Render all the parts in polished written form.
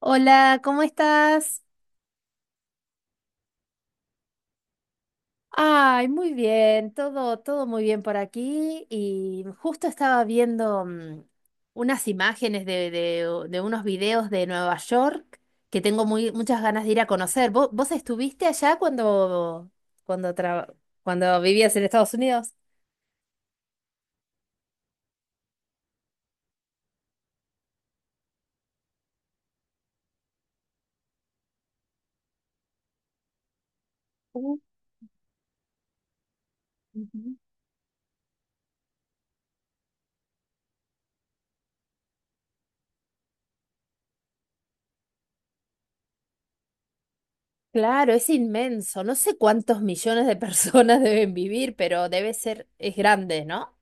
Hola, ¿cómo estás? Ay, muy bien, todo, todo muy bien por aquí. Y justo estaba viendo unas imágenes de unos videos de Nueva York que tengo muy, muchas ganas de ir a conocer. ¿Vos estuviste allá cuando, traba- cuando vivías en Estados Unidos? Uh, ujú. Claro, es inmenso. No sé cuántos millones de personas deben vivir, pero debe ser, es grande, ¿no?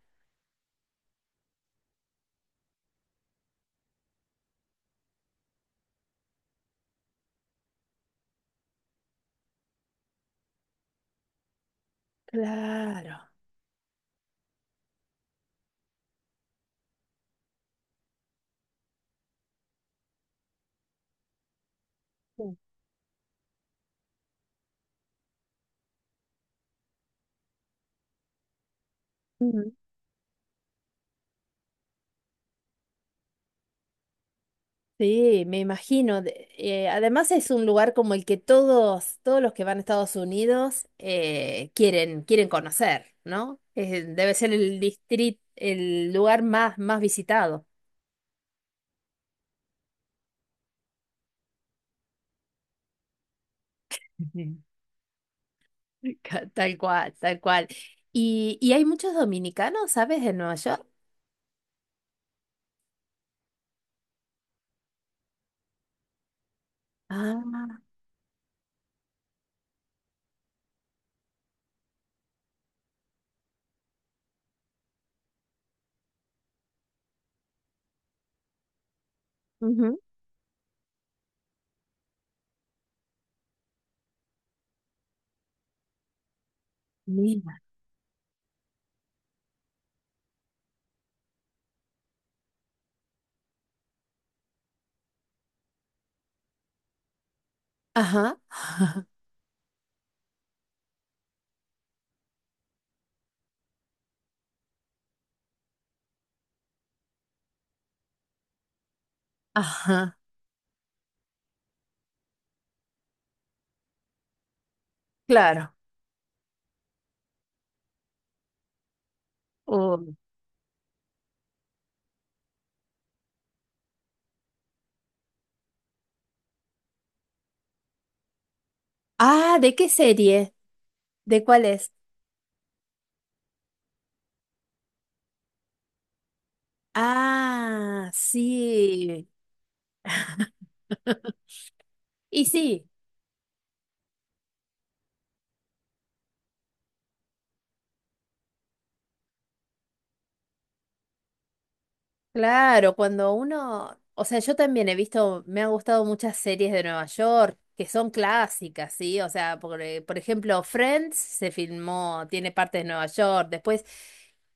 Claro. Sí. Sí, me imagino. Además es un lugar como el que todos, todos los que van a Estados Unidos quieren, quieren conocer, ¿no? Debe ser el distrito, el lugar más, más visitado. Ujú. Tal cual, tal cual. ¿Y hay muchos dominicanos, sabes, en Nueva York? Ah, ujú. Mira. Ajá, ajá, ajá, claro. Oh. Ah, ¿de qué serie? ¿De cuál es? Ah, sí. Y sí. Claro, cuando uno, o sea, yo también he visto, me han gustado muchas series de Nueva York que son clásicas, ¿sí? O sea, por ejemplo, Friends se filmó, tiene parte de Nueva York, después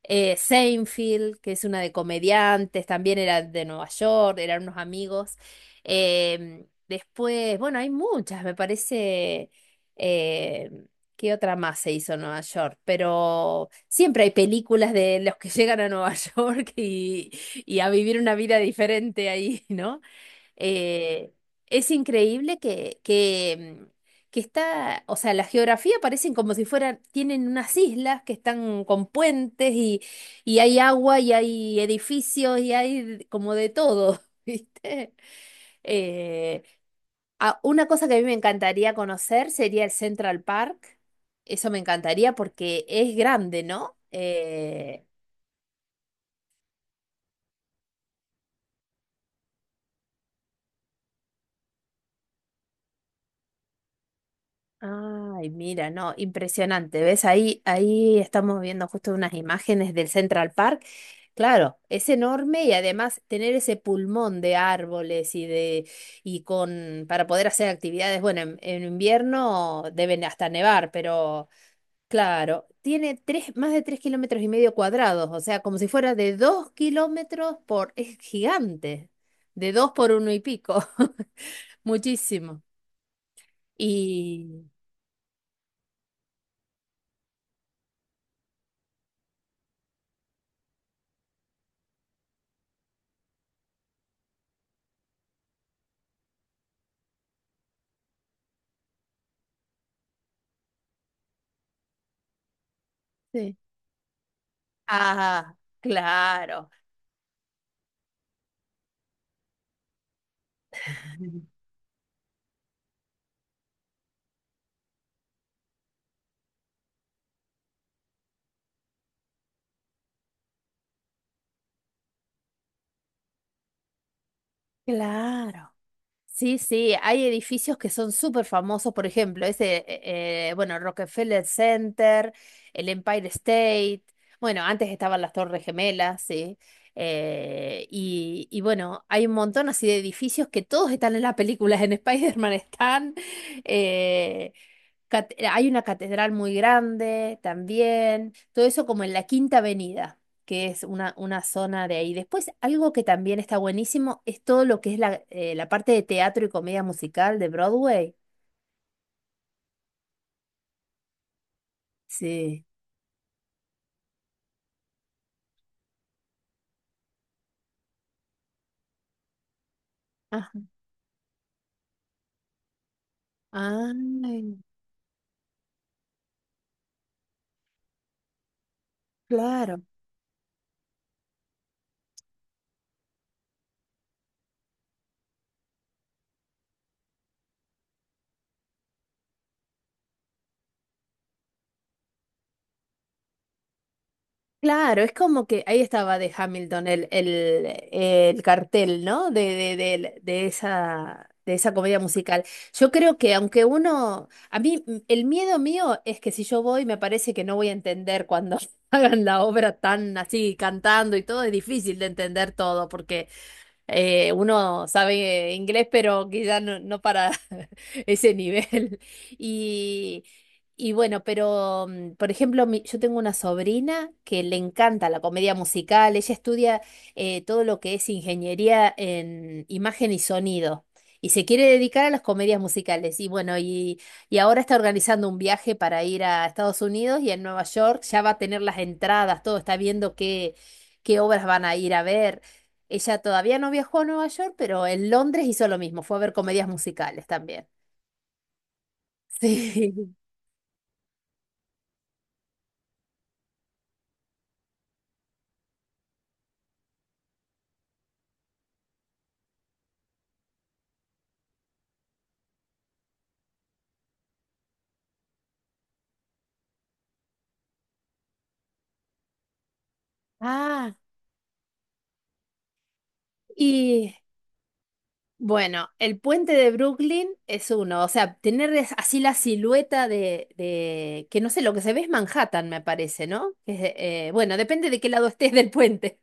Seinfeld, que es una de comediantes, también era de Nueva York, eran unos amigos. Después, bueno, hay muchas, me parece, eh, ¿qué otra más se hizo en Nueva York? Pero siempre hay películas de los que llegan a Nueva York y a vivir una vida diferente ahí, ¿no? Eh, es increíble que está, o sea, la geografía parecen como si fueran, tienen unas islas que están con puentes y hay agua y hay edificios y hay como de todo, ¿viste? Eh, una cosa que a mí me encantaría conocer sería el Central Park. Eso me encantaría porque es grande, ¿no? Ay, mira, no, impresionante. ¿Ves? Ahí, ahí estamos viendo justo unas imágenes del Central Park. Claro, es enorme y además tener ese pulmón de árboles y de y con para poder hacer actividades. Bueno, en invierno deben hasta nevar, pero claro, tiene tres, más de tres kilómetros y medio cuadrados, o sea, como si fuera de dos kilómetros por, es gigante, de dos por uno y pico, muchísimo. Y sí. Ajá, claro. Claro. Sí, sí, hay edificios que son súper famosos, por ejemplo, ese, bueno, Rockefeller Center, el Empire State, bueno, antes estaban las Torres Gemelas, sí, y bueno, hay un montón así de edificios que todos están en las películas, en Spider-Man están, eh, hay una catedral muy grande también, todo eso como en la Quinta Avenida, que es una zona de ahí. Después, algo que también está buenísimo es todo lo que es la parte de teatro y comedia musical de Broadway. Sí. Ah, ay, claro. Claro, es como que ahí estaba de Hamilton el cartel, ¿no? De esa comedia musical. Yo creo que aunque uno, a mí el miedo mío es que si yo voy me parece que no voy a entender cuando hagan la obra tan así, cantando y todo, es difícil de entender todo porque uno sabe inglés, pero quizás no, no para ese nivel. Y, y bueno, pero por ejemplo, yo tengo una sobrina que le encanta la comedia musical. Ella estudia todo lo que es ingeniería en imagen y sonido. Y se quiere dedicar a las comedias musicales. Y bueno, y ahora está organizando un viaje para ir a Estados Unidos y a Nueva York. Ya va a tener las entradas, todo. Está viendo qué, qué obras van a ir a ver. Ella todavía no viajó a Nueva York, pero en Londres hizo lo mismo, fue a ver comedias musicales también. Sí. Ah, y bueno, el puente de Brooklyn es uno, o sea, tener así la silueta que no sé, lo que se ve es Manhattan, me parece, ¿no? Que es, bueno, depende de qué lado estés del puente.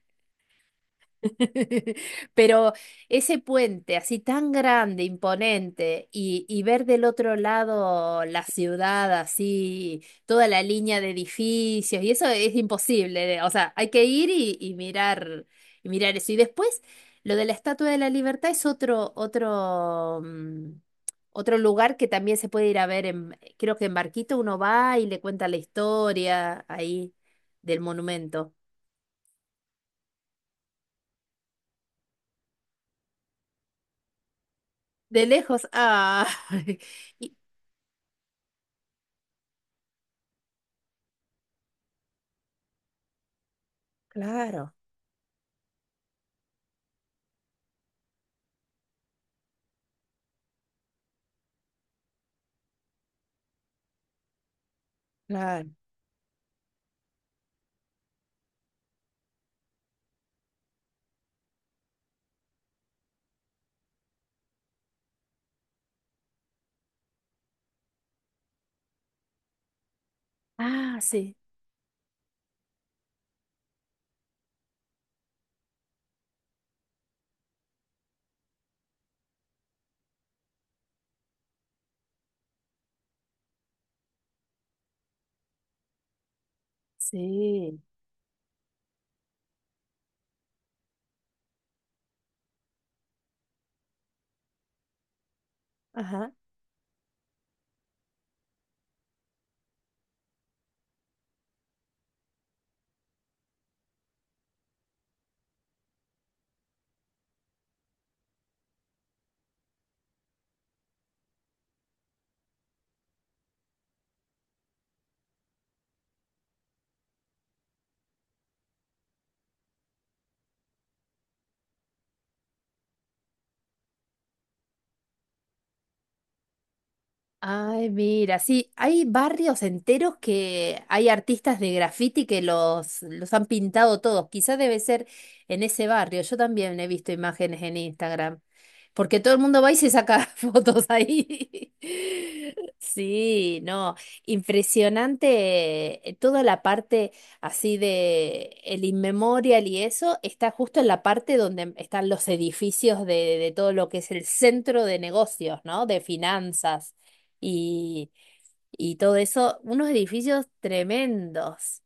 Pero ese puente así tan grande, imponente, y ver del otro lado la ciudad así, toda la línea de edificios, y eso es imposible. O sea, hay que ir y mirar eso. Y después, lo de la Estatua de la Libertad es otro, otro, otro lugar que también se puede ir a ver en, creo que en barquito uno va y le cuenta la historia ahí del monumento. De lejos, ah. Y- Claro, claro. Ah, sí, sí. Ajá. Ay, mira, sí, hay barrios enteros que hay artistas de graffiti que los han pintado todos. Quizá debe ser en ese barrio. Yo también he visto imágenes en Instagram, porque todo el mundo va y se saca fotos ahí. Sí, no, impresionante. Toda la parte así de el inmemorial y eso está justo en la parte donde están los edificios de todo lo que es el centro de negocios, ¿no? De finanzas y, y todo eso, unos edificios tremendos.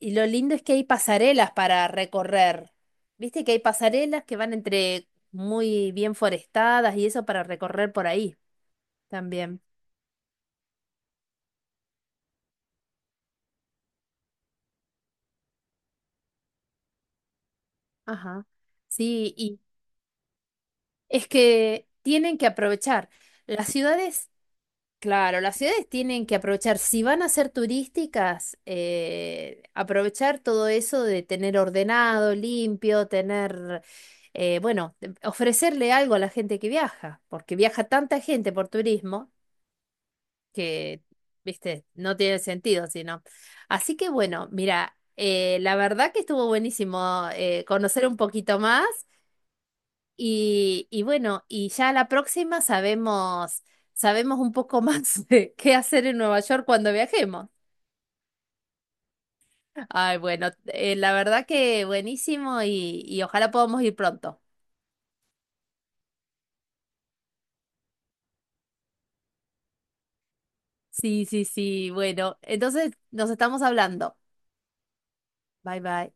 Y lo lindo es que hay pasarelas para recorrer. Viste que hay pasarelas que van entre muy bien forestadas y eso para recorrer por ahí también. Ajá. Sí, y es que tienen que aprovechar. Las ciudades claro, las ciudades tienen que aprovechar, si van a ser turísticas, aprovechar todo eso de tener ordenado, limpio, tener, ofrecerle algo a la gente que viaja, porque viaja tanta gente por turismo que, viste, no tiene sentido, sino. Así que bueno, mira, la verdad que estuvo buenísimo conocer un poquito más y bueno, y ya la próxima sabemos un poco más de qué hacer en Nueva York cuando viajemos. Ay, bueno, la verdad que buenísimo y ojalá podamos ir pronto. Sí, sí, sí, bueno, entonces nos estamos hablando. Bye, bye.